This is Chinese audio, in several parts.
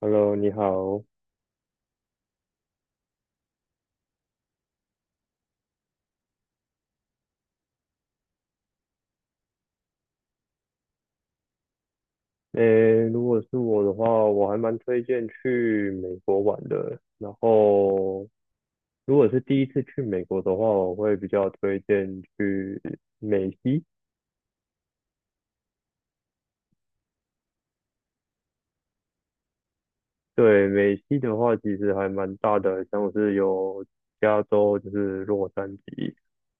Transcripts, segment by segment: Hello，你好。诶，如果是我的话，我还蛮推荐去美国玩的。然后，如果是第一次去美国的话，我会比较推荐去美西。对，美西的话，其实还蛮大的，像是有加州，就是洛杉矶，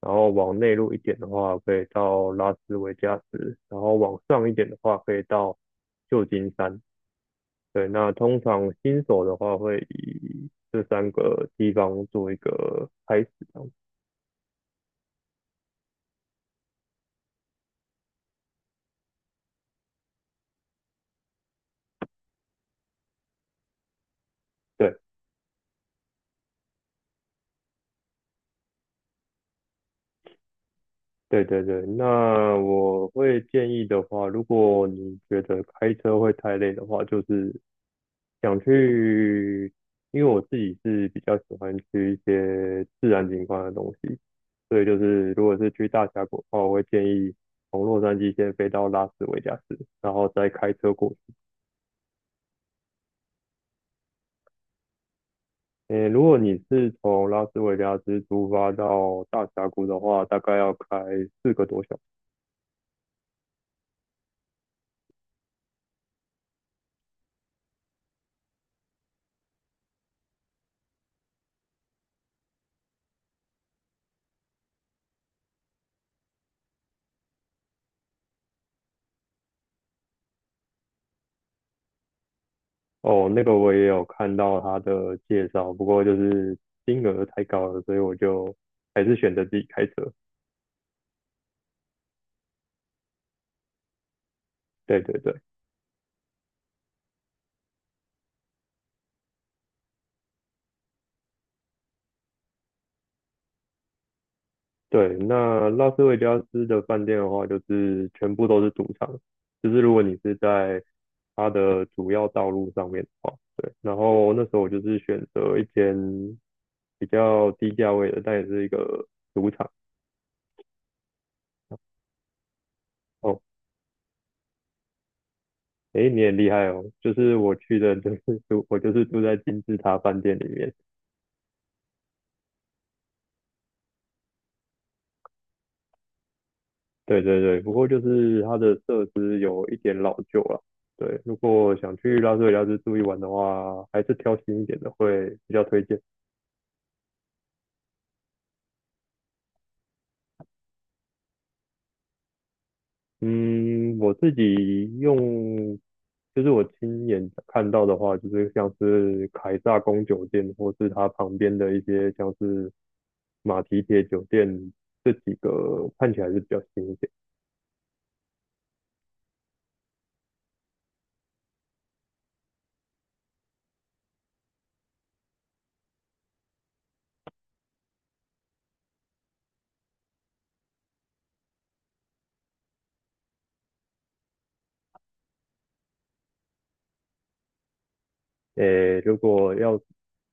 然后往内陆一点的话，可以到拉斯维加斯，然后往上一点的话，可以到旧金山。对，那通常新手的话会以这三个地方做一个开始这样子。对，对对对。那我会建议的话，如果你觉得开车会太累的话，就是想去，因为我自己是比较喜欢去一些自然景观的东西，所以就是如果是去大峡谷的话，我会建议从洛杉矶先飞到拉斯维加斯，然后再开车过去。诶，如果你是从拉斯维加斯出发到大峡谷的话，大概要开4个多小时。哦，那个我也有看到他的介绍，不过就是金额太高了，所以我就还是选择自己开车。对对对对，那拉斯维加斯的饭店的话，就是全部都是赌场，就是如果你是在它的主要道路上面的话，对。然后那时候我就是选择一间比较低价位的，但也是一个赌场。哦，诶，你也厉害哦！就是我去的，就是住，我就是住在金字塔饭店里面。对对对，不过就是它的设施有一点老旧了。对，如果想去拉斯维加斯住一晚的话，还是挑新一点的会比较推荐。嗯，我自己用，就是我亲眼看到的话，就是像是凯撒宫酒店，或是它旁边的一些像是马蹄铁酒店，这几个看起来是比较新一点。诶，如果要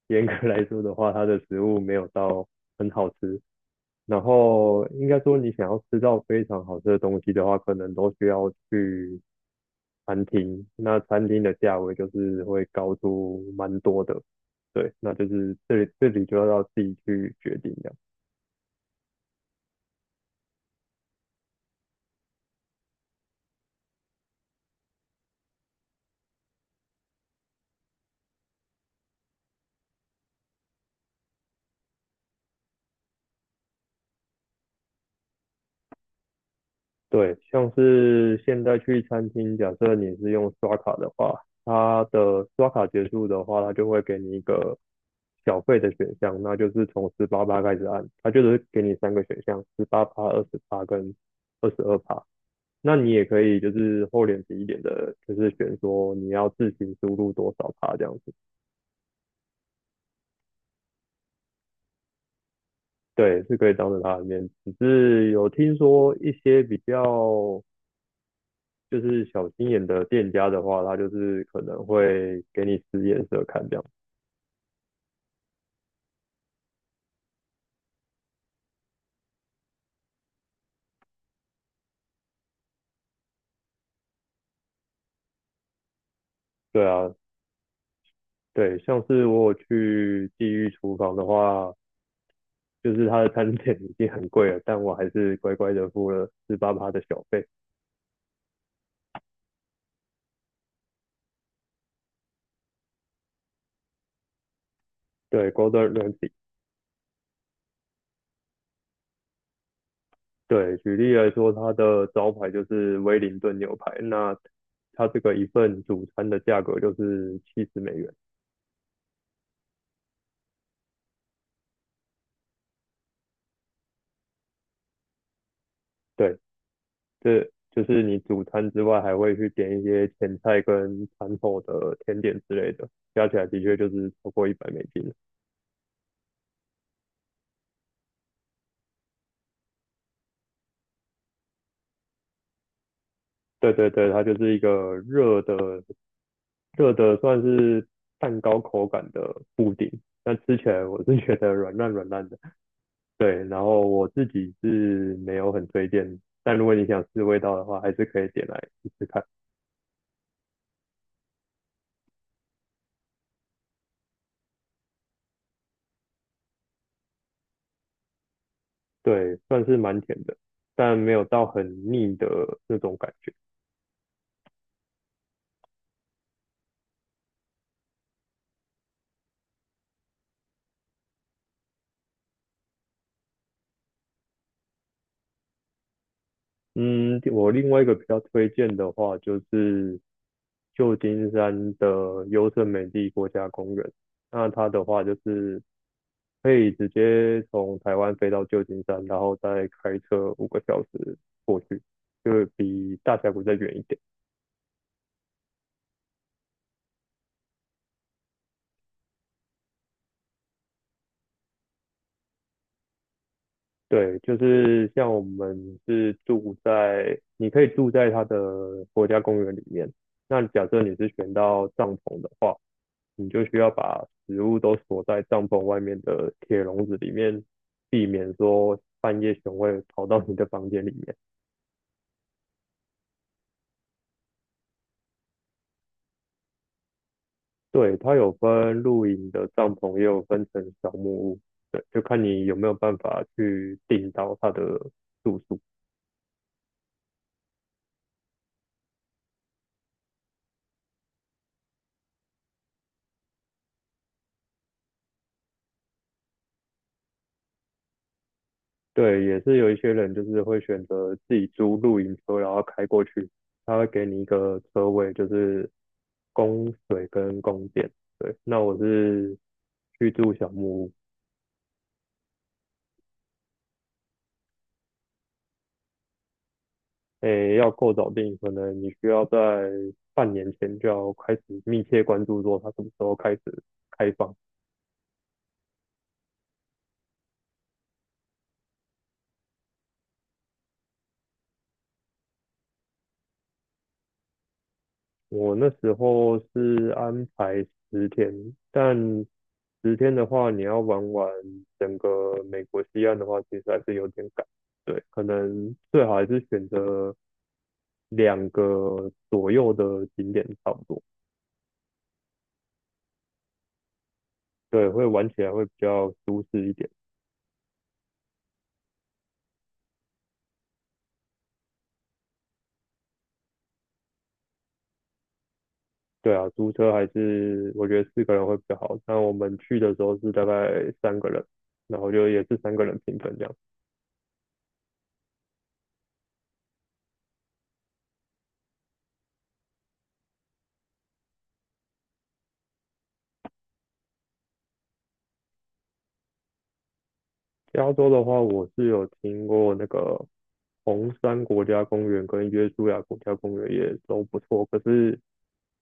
严格来说的话，它的食物没有到很好吃。然后应该说，你想要吃到非常好吃的东西的话，可能都需要去餐厅。那餐厅的价位就是会高出蛮多的，对，那就是这里就要自己去决定的。对，像是现在去餐厅，假设你是用刷卡的话，它的刷卡结束的话，它就会给你一个小费的选项，那就是从十八趴开始按，它就是给你三个选项，十八趴、20趴跟22趴。那你也可以就是厚脸皮一点的，就是选说你要自行输入多少趴这样子，对，是可以当着他的面。只是有听说一些比较就是小心眼的店家的话，他就是可能会给你使眼色看这样。对啊，对，像是我有去地狱厨房的话，就是他的餐点已经很贵了，但我还是乖乖的付了488的小费。对，Golden Ramsy,对，举例来说，它的招牌就是威灵顿牛排，那它这个一份主餐的价格就是70美元。对，这就是你主餐之外，还会去点一些前菜跟餐后的甜点之类的，加起来的确就是超过100美金。对对对，它就是一个热的，算是蛋糕口感的布丁。但吃起来我是觉得软烂软烂的，对。然后我自己是没有很推荐，但如果你想试味道的话，还是可以点来试试看。对，算是蛮甜的，但没有到很腻的那种感觉。嗯，我另外一个比较推荐的话，就是旧金山的优胜美地国家公园。那它的话就是可以直接从台湾飞到旧金山，然后再开车5个小时过去，就比大峡谷再远一点。对，就是像我们是住在，你可以住在它的国家公园里面。那假设你是选到帐篷的话，你就需要把食物都锁在帐篷外面的铁笼子里面，避免说半夜熊会跑到你的房间里面。对，它有分露营的帐篷，也有分成小木屋，对，就看你有没有办法去订到它的住宿。对，也是有一些人就是会选择自己租露营车，然后开过去，他会给你一个车位，就是供水跟供电。对，那我是去住小木屋。诶，要够早定，可能你需要在半年前就要开始密切关注，说它什么时候开始开放。我那时候是安排十天，但十天的话，你要玩完整个美国西岸的话，其实还是有点赶。对，可能最好还是选择两个左右的景点差不多，对，会玩起来会比较舒适一点。对啊，租车还是我觉得四个人会比较好。但我们去的时候是大概三个人，然后就也是三个人平分这样。加州的话，我是有听过那个红山国家公园跟约书亚国家公园也都不错，可是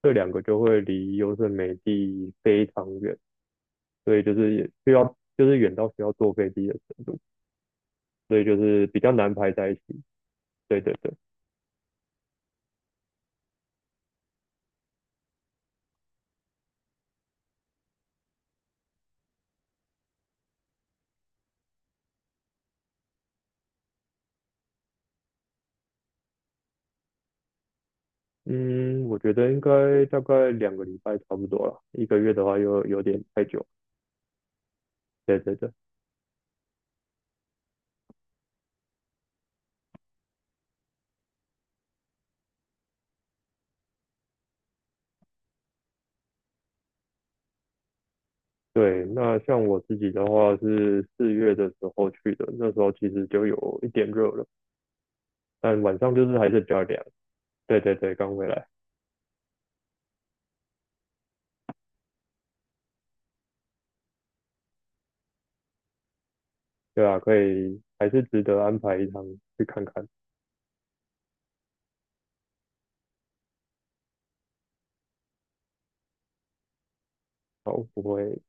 这两个就会离优胜美地非常远，所以就是也需要就是远到需要坐飞机的程度，所以就是比较难排在一起。对对对，嗯，我觉得应该大概2个礼拜差不多了，一个月的话又有点太久。对对对对，那像我自己的话是4月的时候去的，那时候其实就有一点热了，但晚上就是还是比较凉。对对对，刚回来，对啊，可以还是值得安排一趟去看看。好，不会